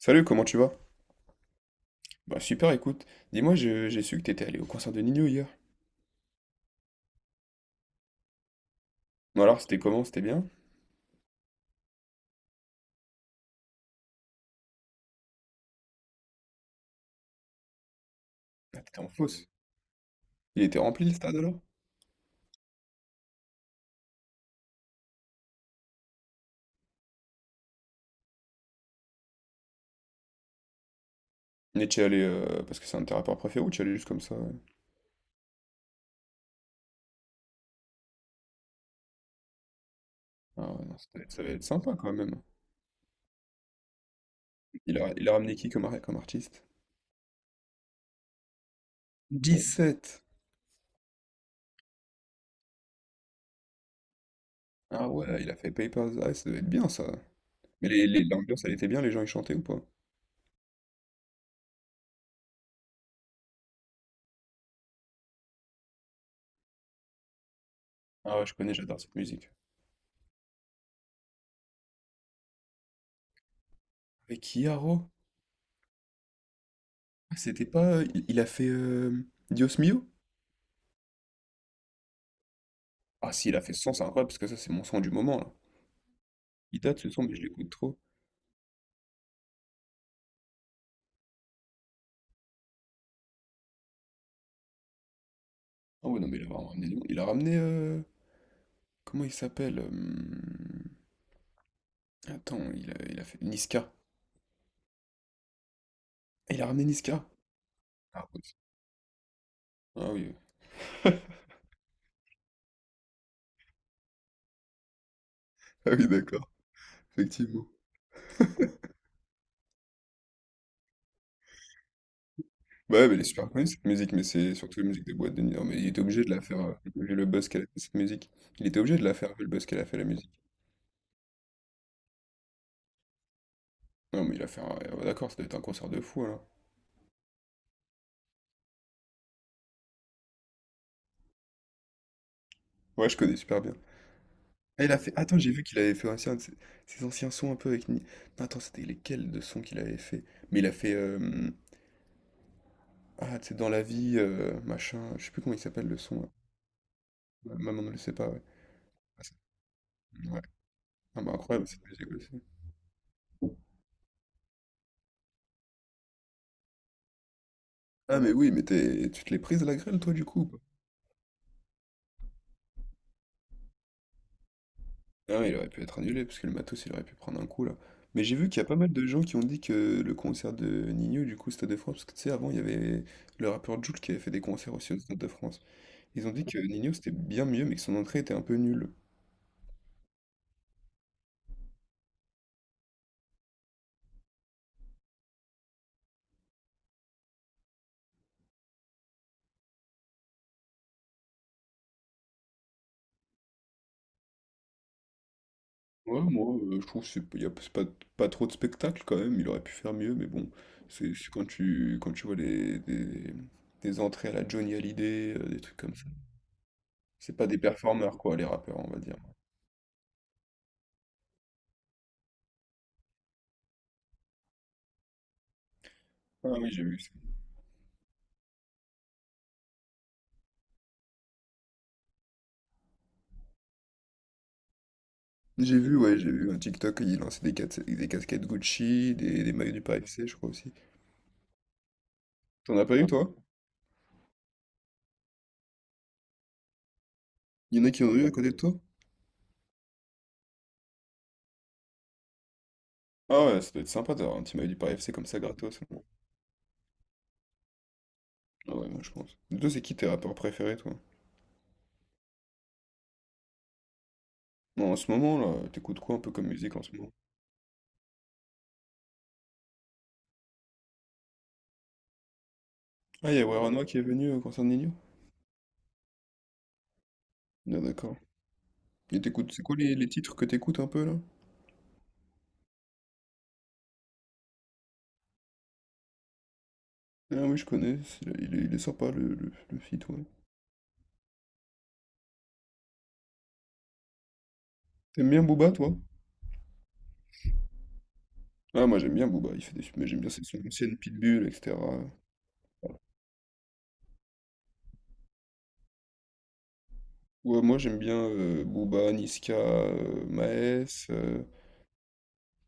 Salut, comment tu vas? Bah super, écoute, dis-moi, j'ai su que t'étais allé au concert de Nino hier. Bon alors, c'était comment? C'était bien? Ah, t'étais en fausse. Il était rempli le stade alors? Mais tu es allé parce que c'est un de tes rappeurs préférés ou tu es allé juste comme ça? Ah ouais, non, ça va être sympa quand même. Il a ramené qui comme, comme artiste? 17! Ah ouais, il a fait Papers. Ah, ça doit être bien ça. Mais l'ambiance, elle était bien, les gens ils chantaient ou pas? Ah ouais, je connais, j'adore cette musique. Avec Kiaro? Ah, c'était pas, il a fait Dios Mio? Ah si, il a fait ce son, c'est incroyable parce que ça, c'est mon son du moment là. Il date ce son, mais je l'écoute trop. Ah ouais, non, mais il a vraiment ramené du monde. Il a ramené, comment il s'appelle? Attends, il a fait Niska. Ah, il a ramené Niska. Ah oui. Ah oui, ah oui, d'accord, effectivement. Bah ouais, mais elle est super connue cette musique, mais c'est surtout la musique des boîtes de nuit. Non, mais il était obligé de la faire, vu le buzz qu'elle a fait cette musique. Il était obligé de la faire vu le buzz qu'elle a fait la musique. Non, mais il a fait un. Ouais, d'accord, ça doit être un concert de fou alors. Ouais, je connais super bien. Ah, il a fait. Attends, j'ai vu qu'il avait fait aussi un de ses, ses anciens sons un peu avec. Non, attends, c'était lesquels de sons qu'il avait fait? Mais il a fait, ah, tu sais, dans la vie, machin, je sais plus comment il s'appelle le son, là. Ouais, Maman ne le sait pas, ouais. Ah c'est ouais. Ah mais incroyable cette musique aussi. Ah mais oui, mais t'es es tu te l'es prise à la grêle toi du coup ou pas? Ah ouais, il aurait pu être annulé parce que le matos, il aurait pu prendre un coup là. Mais j'ai vu qu'il y a pas mal de gens qui ont dit que le concert de Nino du coup au Stade de France, parce que tu sais avant il y avait le rappeur Jul qui avait fait des concerts aussi au Stade de France. Ils ont dit que Nino c'était bien mieux mais que son entrée était un peu nulle. Ouais, moi, je trouve que c'est pas, pas trop de spectacle quand même, il aurait pu faire mieux, mais bon, c'est quand tu vois des entrées à la Johnny Hallyday, des trucs comme ça. C'est pas des performeurs, quoi, les rappeurs, on va dire. Ah oui, j'ai vu ça. J'ai vu, ouais, j'ai vu un TikTok, il lançait des casquettes Gucci, des maillots du Paris FC, je crois aussi. T'en as pas eu, toi? Il y en a qui en ont eu à côté de toi? Ah ouais, ça doit être sympa d'avoir un petit maillot du Paris FC comme ça, gratos. Ah ouais, moi, je pense. Et toi, c'est qui tes rappeurs préférés, toi? Non, en ce moment, là, t'écoutes quoi un peu comme musique en ce moment? Ah, il y a Waranoa qui est venu concernant Nino? Ah, d'accord. Et t'écoutes, c'est quoi les titres que t'écoutes un peu là? Ah oui, je connais, il est sympa le, le feat, ouais. T'aimes bien Booba, toi? Ah, moi j'aime bien Booba, il fait des... mais j'aime bien ses sons anciennes, Pitbull, etc. Ouais, moi j'aime bien Booba, Niska, Maes,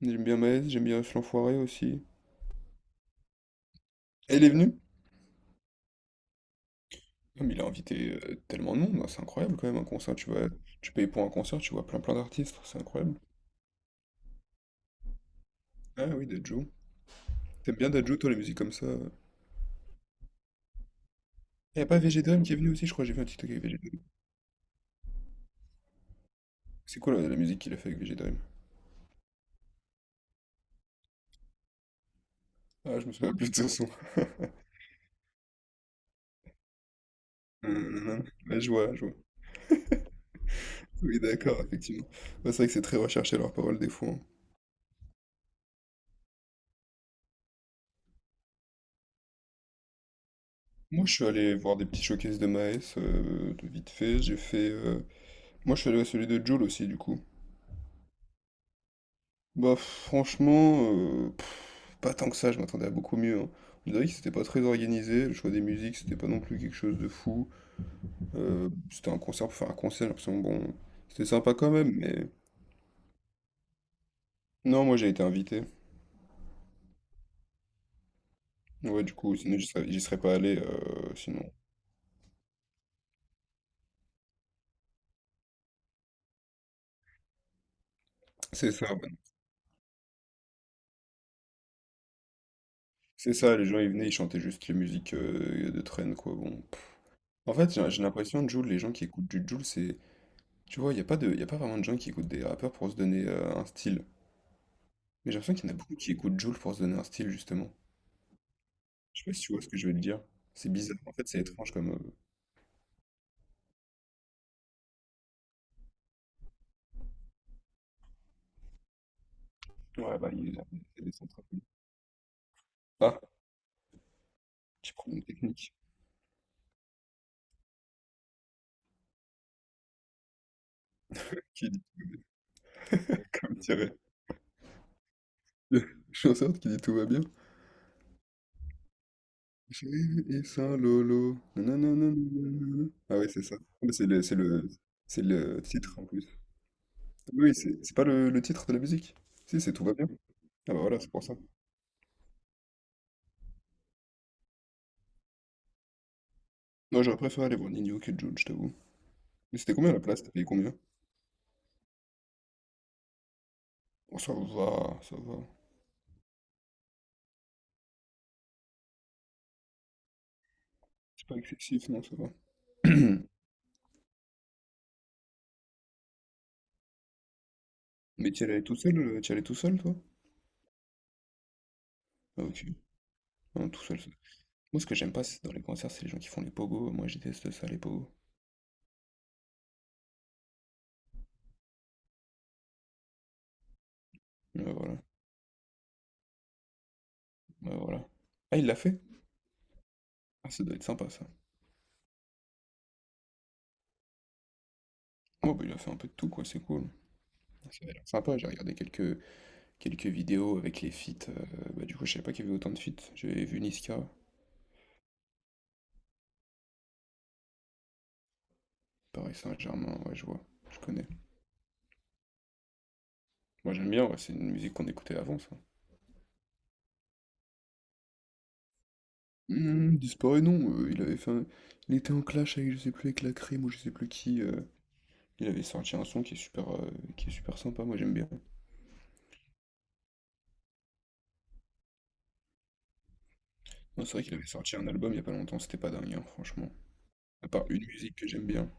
j'aime bien Maes, j'aime bien Flanfoiré aussi. Elle est venue? Ah, mais il a invité tellement de monde, hein, c'est incroyable quand même, un concert, tu vois, tu payes pour un concert, tu vois plein plein d'artistes, c'est incroyable. Ah oui, Dadju. T'aimes bien Dadju, toi, les musiques comme ça? Il n'y a pas Vegedream qui est venu aussi, je crois, j'ai vu un TikTok avec Vegedream. C'est quoi la musique qu'il a fait avec VGDream? Ah, je me souviens plus de son son. Là, je vois, je vois. Oui, d'accord, effectivement. Bah, c'est vrai que c'est très recherché leurs paroles des fois, hein. Moi, je suis allé voir des petits showcases de Maes, de vite fait. J'ai fait, moi, je suis allé à celui de Jul aussi, du coup. Bah, franchement, pff, pas tant que ça, je m'attendais à beaucoup mieux, hein. On dirait que c'était pas très organisé, le choix des musiques, c'était pas non plus quelque chose de fou. C'était un concert pour faire un concert, j'ai l'impression, bon, c'était sympa quand même, mais non, moi j'ai été invité. Ouais, du coup, sinon j'y serais pas allé, sinon. C'est ça, ouais. C'est ça, les gens ils venaient, ils chantaient juste les musiques de traîne, quoi. Bon. En fait, j'ai l'impression, Jul, les gens qui écoutent du Jul, c'est. Tu vois, il n'y a pas de, y a pas vraiment de gens qui écoutent des rappeurs pour se donner un style. Mais j'ai l'impression qu'il y en a beaucoup qui écoutent Jul pour se donner un style, justement. Je sais pas si tu vois ce que je veux te dire. C'est bizarre. En fait, c'est étrange comme. Ouais, bah, il est des centres. Ah, tu prends une technique. Qui dit, comme dirait. Je suis en sorte qu'il dit tout va bien. J'ai vu ça, Lolo. Nananananana. Ah oui, c'est ça. Ah, mais c'est c'est le titre en plus. Oui, c'est pas le, le titre de la musique. Si, c'est Tout va bien. Ah bah voilà, c'est pour ça. Moi, j'aurais préféré aller voir Nino que Jules, je t'avoue. Mais c'était combien la place? T'as payé combien? Oh, ça va, ça va. C'est pas excessif, non, ça va. Mais t'y allais tout seul, t'y allais tout seul, toi? Ah ok. Non, tout seul, ça- moi, ce que j'aime pas c'est dans les concerts, c'est les gens qui font les pogos. Moi, je déteste ça, les pogos. Ouais, voilà. Ouais, voilà. Ah, il l'a fait? Ah, ça doit être sympa, ça. Ouais, bah, il a fait un peu de tout, quoi, c'est cool. Ça a l'air sympa, j'ai regardé quelques, quelques vidéos avec les feats, bah, du coup, je savais pas qu'il y avait autant de feats. J'avais vu Niska, Paris Saint-Germain, ouais, je vois, je connais. Moi, j'aime bien, ouais, c'est une musique qu'on écoutait avant, ça. Hmm, disparaît, non, il avait fait un- il était en clash avec, je sais plus, avec la crème ou je sais plus qui. Il avait sorti un son qui est super sympa, moi j'aime bien. Non, c'est vrai qu'il avait sorti un album il y a pas longtemps, c'était pas dingue, hein, franchement. À part une musique que j'aime bien.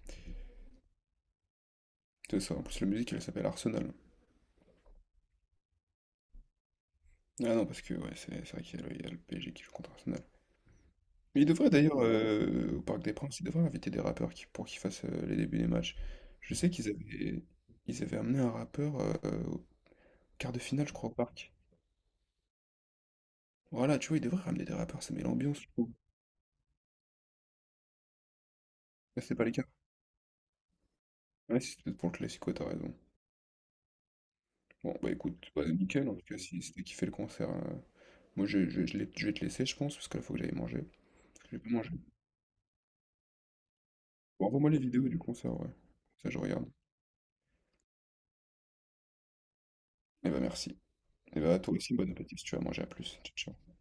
C'est ça, en plus la musique elle s'appelle Arsenal. Ah non, parce que ouais, c'est vrai qu'il y, a le il y a le PSG qui joue contre Arsenal. Mais il devrait d'ailleurs, au Parc des Princes, il devrait inviter des rappeurs pour qu'ils fassent les débuts des matchs. Je sais qu'ils avaient, ils avaient amené un rappeur au quart de finale, je crois, au Parc. Voilà, tu vois, ils devraient ramener des rappeurs, ça met l'ambiance, je trouve. Là, c'est pas les cas. Ouais, c'est peut-être pour le Classico, t'as raison. Bon, bah écoute, bah, nickel, en tout cas, si c'était kiffé le concert, hein. Moi, je vais te laisser, je pense, parce que là, faut que j'aille manger. Je vais pas manger. Bon, envoie-moi les vidéos du concert, ouais. Ça, je regarde. Eh bah, merci. Et bah, toi aussi, bon appétit si tu vas manger à plus. Ciao, ciao.